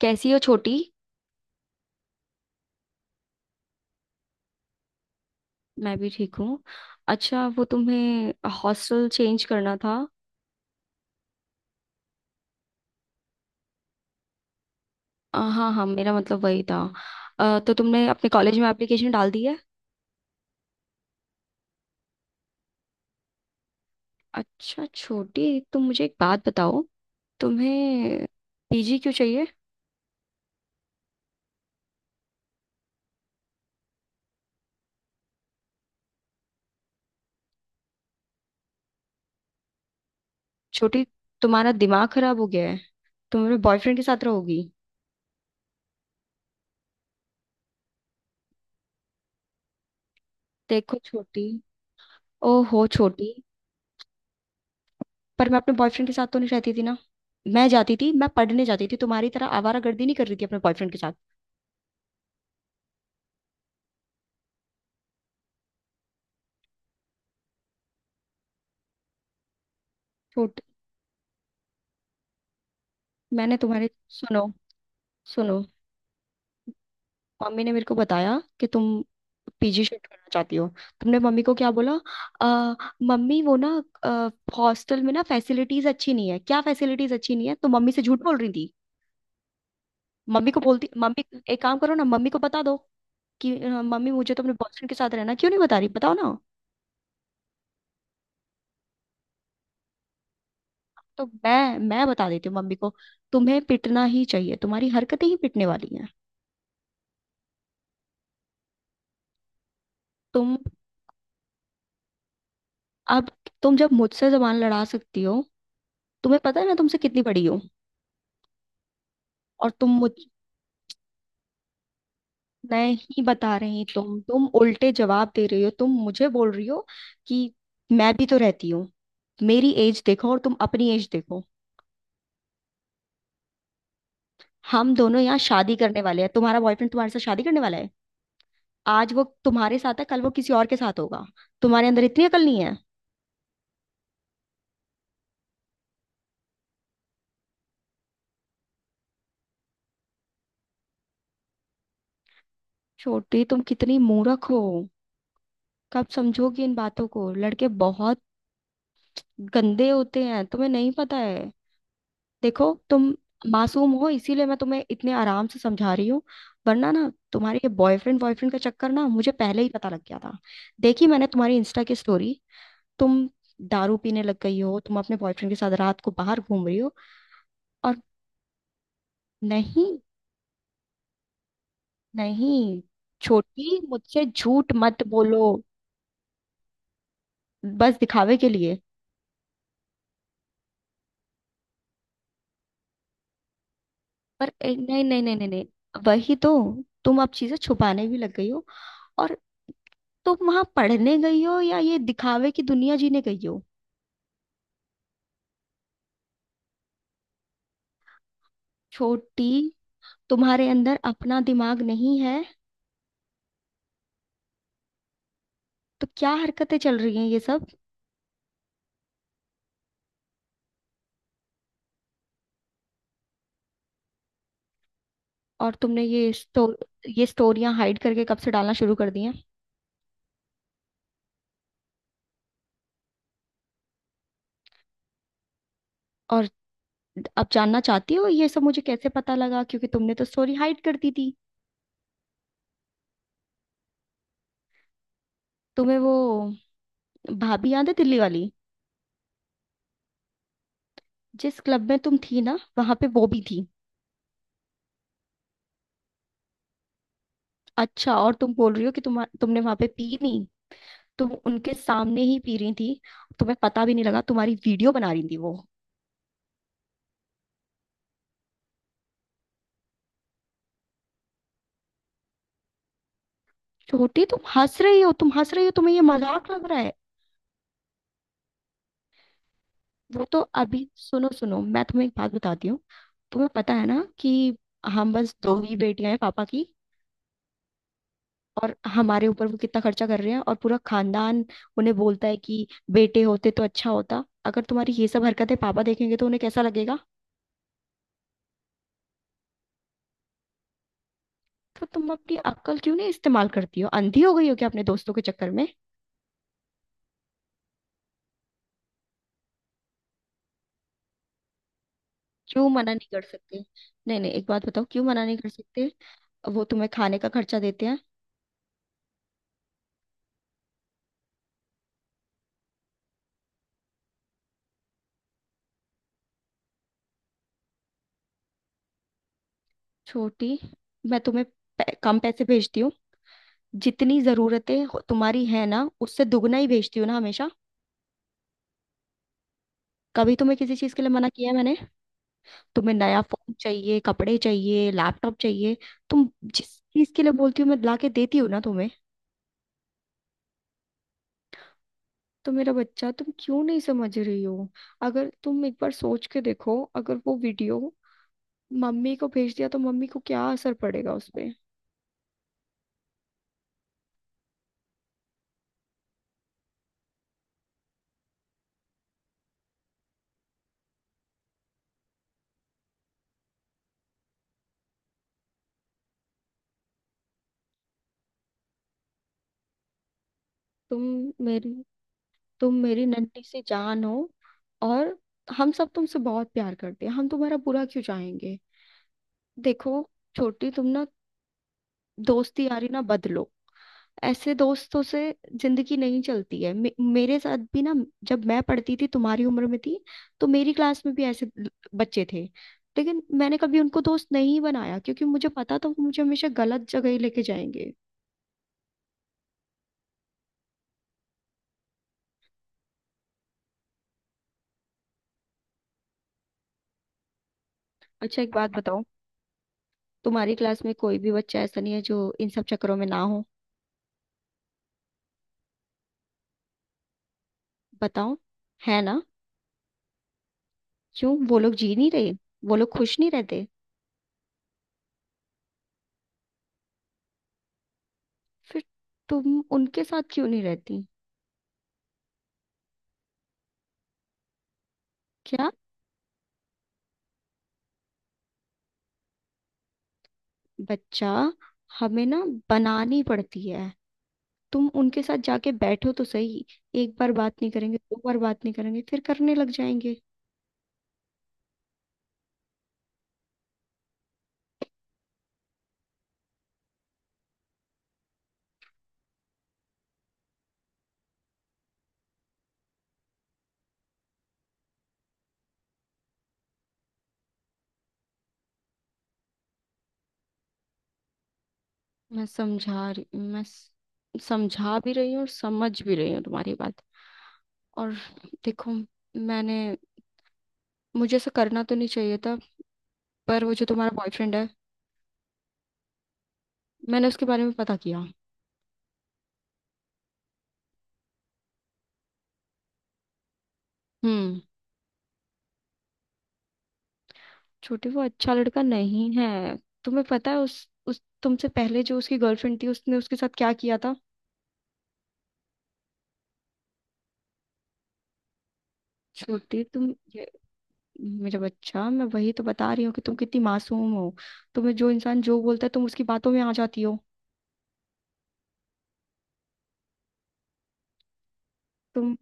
कैसी हो छोटी। मैं भी ठीक हूँ। अच्छा, वो तुम्हें हॉस्टल चेंज करना था। हाँ हाँ, मेरा मतलब वही था। तो तुमने अपने कॉलेज में एप्लीकेशन डाल दी है। अच्छा छोटी, तुम मुझे एक बात बताओ। तुम्हें पीजी क्यों चाहिए। छोटी, तुम्हारा दिमाग खराब हो गया है। तुम अपने बॉयफ्रेंड के साथ रहोगी। देखो छोटी। ओहो छोटी। पर मैं अपने बॉयफ्रेंड के साथ तो नहीं रहती थी ना। मैं जाती थी, मैं पढ़ने जाती थी, तुम्हारी तरह आवारागर्दी नहीं कर रही थी अपने बॉयफ्रेंड के साथ। मैंने तुम्हारे सुनो। सुनो, मम्मी ने मेरे को बताया कि तुम पीजी शिफ्ट करना चाहती हो। तुमने मम्मी को क्या बोला। आ, मम्मी वो ना हॉस्टल में ना फैसिलिटीज अच्छी नहीं है, क्या फैसिलिटीज अच्छी नहीं है, तो मम्मी से झूठ बोल रही थी। मम्मी को बोलती मम्मी, एक काम करो ना, मम्मी को बता दो कि मम्मी मुझे तो अपने बॉयफ्रेंड के साथ रहना, क्यों नहीं बता रही, बताओ ना। तो मैं बता देती हूँ मम्मी को। तुम्हें पिटना ही चाहिए, तुम्हारी हरकतें ही पिटने वाली हैं। तुम अब, तुम जब मुझसे जबान लड़ा सकती हो, तुम्हें पता है मैं तुमसे कितनी बड़ी हूँ। और तुम मुझ, नहीं बता रही, तुम उल्टे जवाब दे रही हो, तुम मुझे बोल रही हो कि मैं भी तो रहती हूँ। मेरी एज देखो और तुम अपनी एज देखो। हम दोनों यहाँ शादी करने वाले हैं, तुम्हारा बॉयफ्रेंड तुम्हारे साथ शादी करने वाला है। आज वो तुम्हारे साथ है, कल वो किसी और के साथ होगा। तुम्हारे अंदर इतनी अकल नहीं है। छोटी तुम कितनी मूर्ख हो। कब समझोगी इन बातों को। लड़के बहुत गंदे होते हैं, तुम्हें नहीं पता है। देखो, तुम मासूम हो, इसीलिए मैं तुम्हें इतने आराम से समझा रही हूँ। वरना ना तुम्हारे ये बॉयफ्रेंड बॉयफ्रेंड का चक्कर ना मुझे पहले ही पता लग गया था। देखी मैंने तुम्हारी इंस्टा की स्टोरी। तुम दारू पीने लग गई हो, तुम अपने बॉयफ्रेंड के साथ रात को बाहर घूम रही हो। और नहीं नहीं, छोटी मुझसे झूठ मत बोलो। बस दिखावे के लिए। पर ए, नहीं नहीं नहीं नहीं नहीं वही तो, तुम अब चीजें छुपाने भी लग गई हो। और तुम वहां पढ़ने गई हो या ये दिखावे की दुनिया जीने गई हो। छोटी तुम्हारे अंदर अपना दिमाग नहीं है। तो क्या हरकतें चल रही हैं ये सब। और तुमने ये स्टो, ये स्टोरियां हाइड करके कब से डालना शुरू कर दी हैं। और अब जानना चाहती हो ये सब मुझे कैसे पता लगा, क्योंकि तुमने तो स्टोरी हाइड कर दी थी। तुम्हें वो भाभी याद है दिल्ली वाली, जिस क्लब में तुम थी ना, वहां पे वो भी थी। अच्छा, और तुम बोल रही हो कि तुमने वहां पे पी नहीं। तुम उनके सामने ही पी रही थी, तुम्हें पता भी नहीं लगा, तुम्हारी वीडियो बना रही थी वो। छोटी तुम हंस रही हो, तुम हंस रही हो, तुम्हें ये मजाक लग रहा है। वो तो अभी, सुनो सुनो, मैं तुम्हें एक बात बताती हूँ। तुम्हें पता है ना कि हम बस दो ही बेटियां हैं पापा की, और हमारे ऊपर वो कितना खर्चा कर रहे हैं। और पूरा खानदान उन्हें बोलता है कि बेटे होते तो अच्छा होता। अगर तुम्हारी ये सब हरकतें पापा देखेंगे तो उन्हें कैसा लगेगा। तो तुम अपनी अक्ल क्यों नहीं इस्तेमाल करती हो, अंधी हो गई हो क्या अपने दोस्तों के चक्कर में। क्यों मना नहीं कर सकते। नहीं नहीं, एक बात बताओ, क्यों मना नहीं कर सकते। वो तुम्हें खाने का खर्चा देते हैं। छोटी मैं तुम्हें पै- कम पैसे भेजती हूँ। जितनी जरूरतें हो- तुम्हारी है ना, उससे दुगना ही भेजती हूँ ना हमेशा। कभी तुम्हें किसी चीज के लिए मना किया है मैंने। तुम्हें नया फोन चाहिए, कपड़े चाहिए, लैपटॉप चाहिए, तुम जिस चीज के लिए बोलती हो, मैं ला के देती हूँ ना तुम्हें। तो मेरा बच्चा, तुम क्यों नहीं समझ रही हो। अगर तुम एक बार सोच के देखो, अगर वो वीडियो मम्मी को भेज दिया तो मम्मी को क्या असर पड़ेगा उस पे। तुम मेरी तुम मेरी नन्ही सी जान हो, और हम सब तुमसे बहुत प्यार करते हैं, हम तुम्हारा बुरा क्यों चाहेंगे। देखो छोटी, तुम ना दोस्ती यारी ना बदलो। ऐसे दोस्तों से जिंदगी नहीं चलती है। मे मेरे साथ भी ना, जब मैं पढ़ती थी, तुम्हारी उम्र में थी, तो मेरी क्लास में भी ऐसे ल- बच्चे थे, लेकिन मैंने कभी उनको दोस्त नहीं बनाया, क्योंकि मुझे पता था वो मुझे हमेशा गलत जगह ही लेके जाएंगे। अच्छा एक बात बताओ, तुम्हारी क्लास में कोई भी बच्चा ऐसा नहीं है जो इन सब चक्करों में ना हो। बताओ, है ना। क्यों, वो लोग जी नहीं रहे। वो लोग खुश नहीं रहते। फिर तुम उनके साथ क्यों नहीं रहती। क्या। बच्चा, हमें ना बनानी पड़ती है। तुम उनके साथ जाके बैठो तो सही। एक बार बात नहीं करेंगे, दो बार बात नहीं करेंगे, फिर करने लग जाएंगे। मैं समझा रही मैं स- समझा भी रही हूँ और समझ भी रही हूँ तुम्हारी बात। और देखो, मैंने, मुझे ऐसा करना तो नहीं चाहिए था, पर वो जो तुम्हारा बॉयफ्रेंड है, मैंने उसके बारे में पता किया। हम्म। छोटी वो अच्छा लड़का नहीं है। तुम्हें पता है उस तुमसे पहले जो उसकी गर्लफ्रेंड थी, उसने उसके साथ क्या किया था। छोटी तुम ये, मेरा बच्चा, मैं वही तो बता रही हूँ कि तुम कितनी मासूम हो। तुम्हें जो इंसान जो बोलता है, तुम उसकी बातों में आ जाती हो। तुम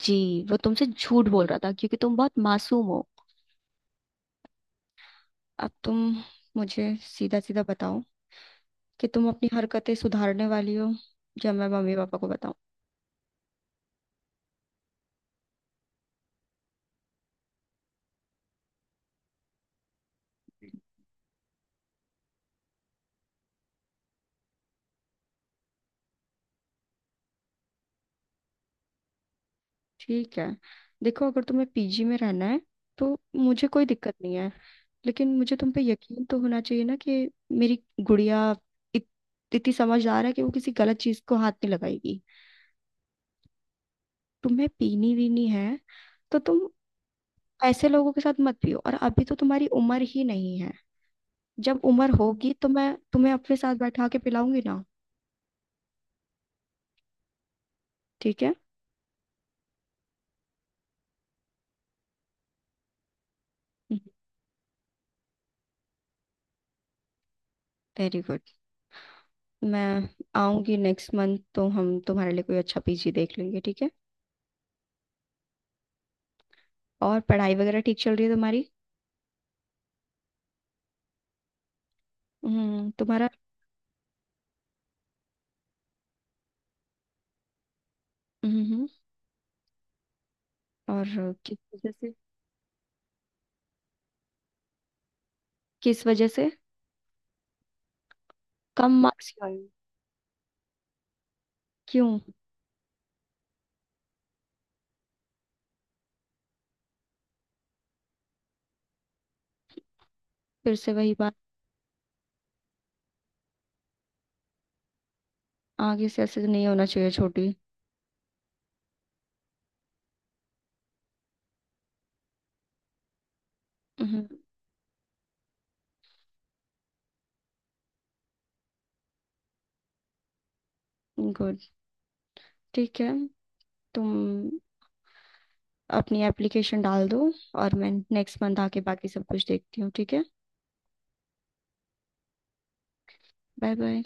जी वो तुमसे झूठ बोल रहा था, क्योंकि तुम बहुत मासूम हो। अब तुम मुझे सीधा सीधा बताओ कि तुम अपनी हरकतें सुधारने वाली हो, या मैं मम्मी पापा को बताऊं। ठीक है, देखो, अगर तुम्हें पीजी में रहना है, तो मुझे कोई दिक्कत नहीं है। लेकिन मुझे तुम पे यकीन तो होना चाहिए ना कि मेरी गुड़िया इत, इतनी समझदार है कि वो किसी गलत चीज को हाथ नहीं लगाएगी। तुम्हें पीनी वीनी है तो तुम ऐसे लोगों के साथ मत पियो, और अभी तो तुम्हारी उम्र ही नहीं है। जब उम्र होगी तो मैं तुम्हें अपने साथ बैठा के पिलाऊंगी ना। ठीक है। Very good. मैं आऊंगी नेक्स्ट मंथ, तो हम तुम्हारे लिए कोई अच्छा पीजी देख लेंगे, ठीक है। और पढ़ाई वगैरह ठीक चल रही है तुम्हारी। हम्म। तुम्हारा। हम्म। और किस वजह से, किस वजह से कम मार्क्स क्यों आए। क्यों। फिर से वही बात, आगे से ऐसे नहीं होना चाहिए छोटी। हम्म। गुड, ठीक है। तुम अपनी एप्लीकेशन डाल दो, और मैं नेक्स्ट मंथ आके बाकी सब कुछ देखती हूँ, ठीक है। Bye bye.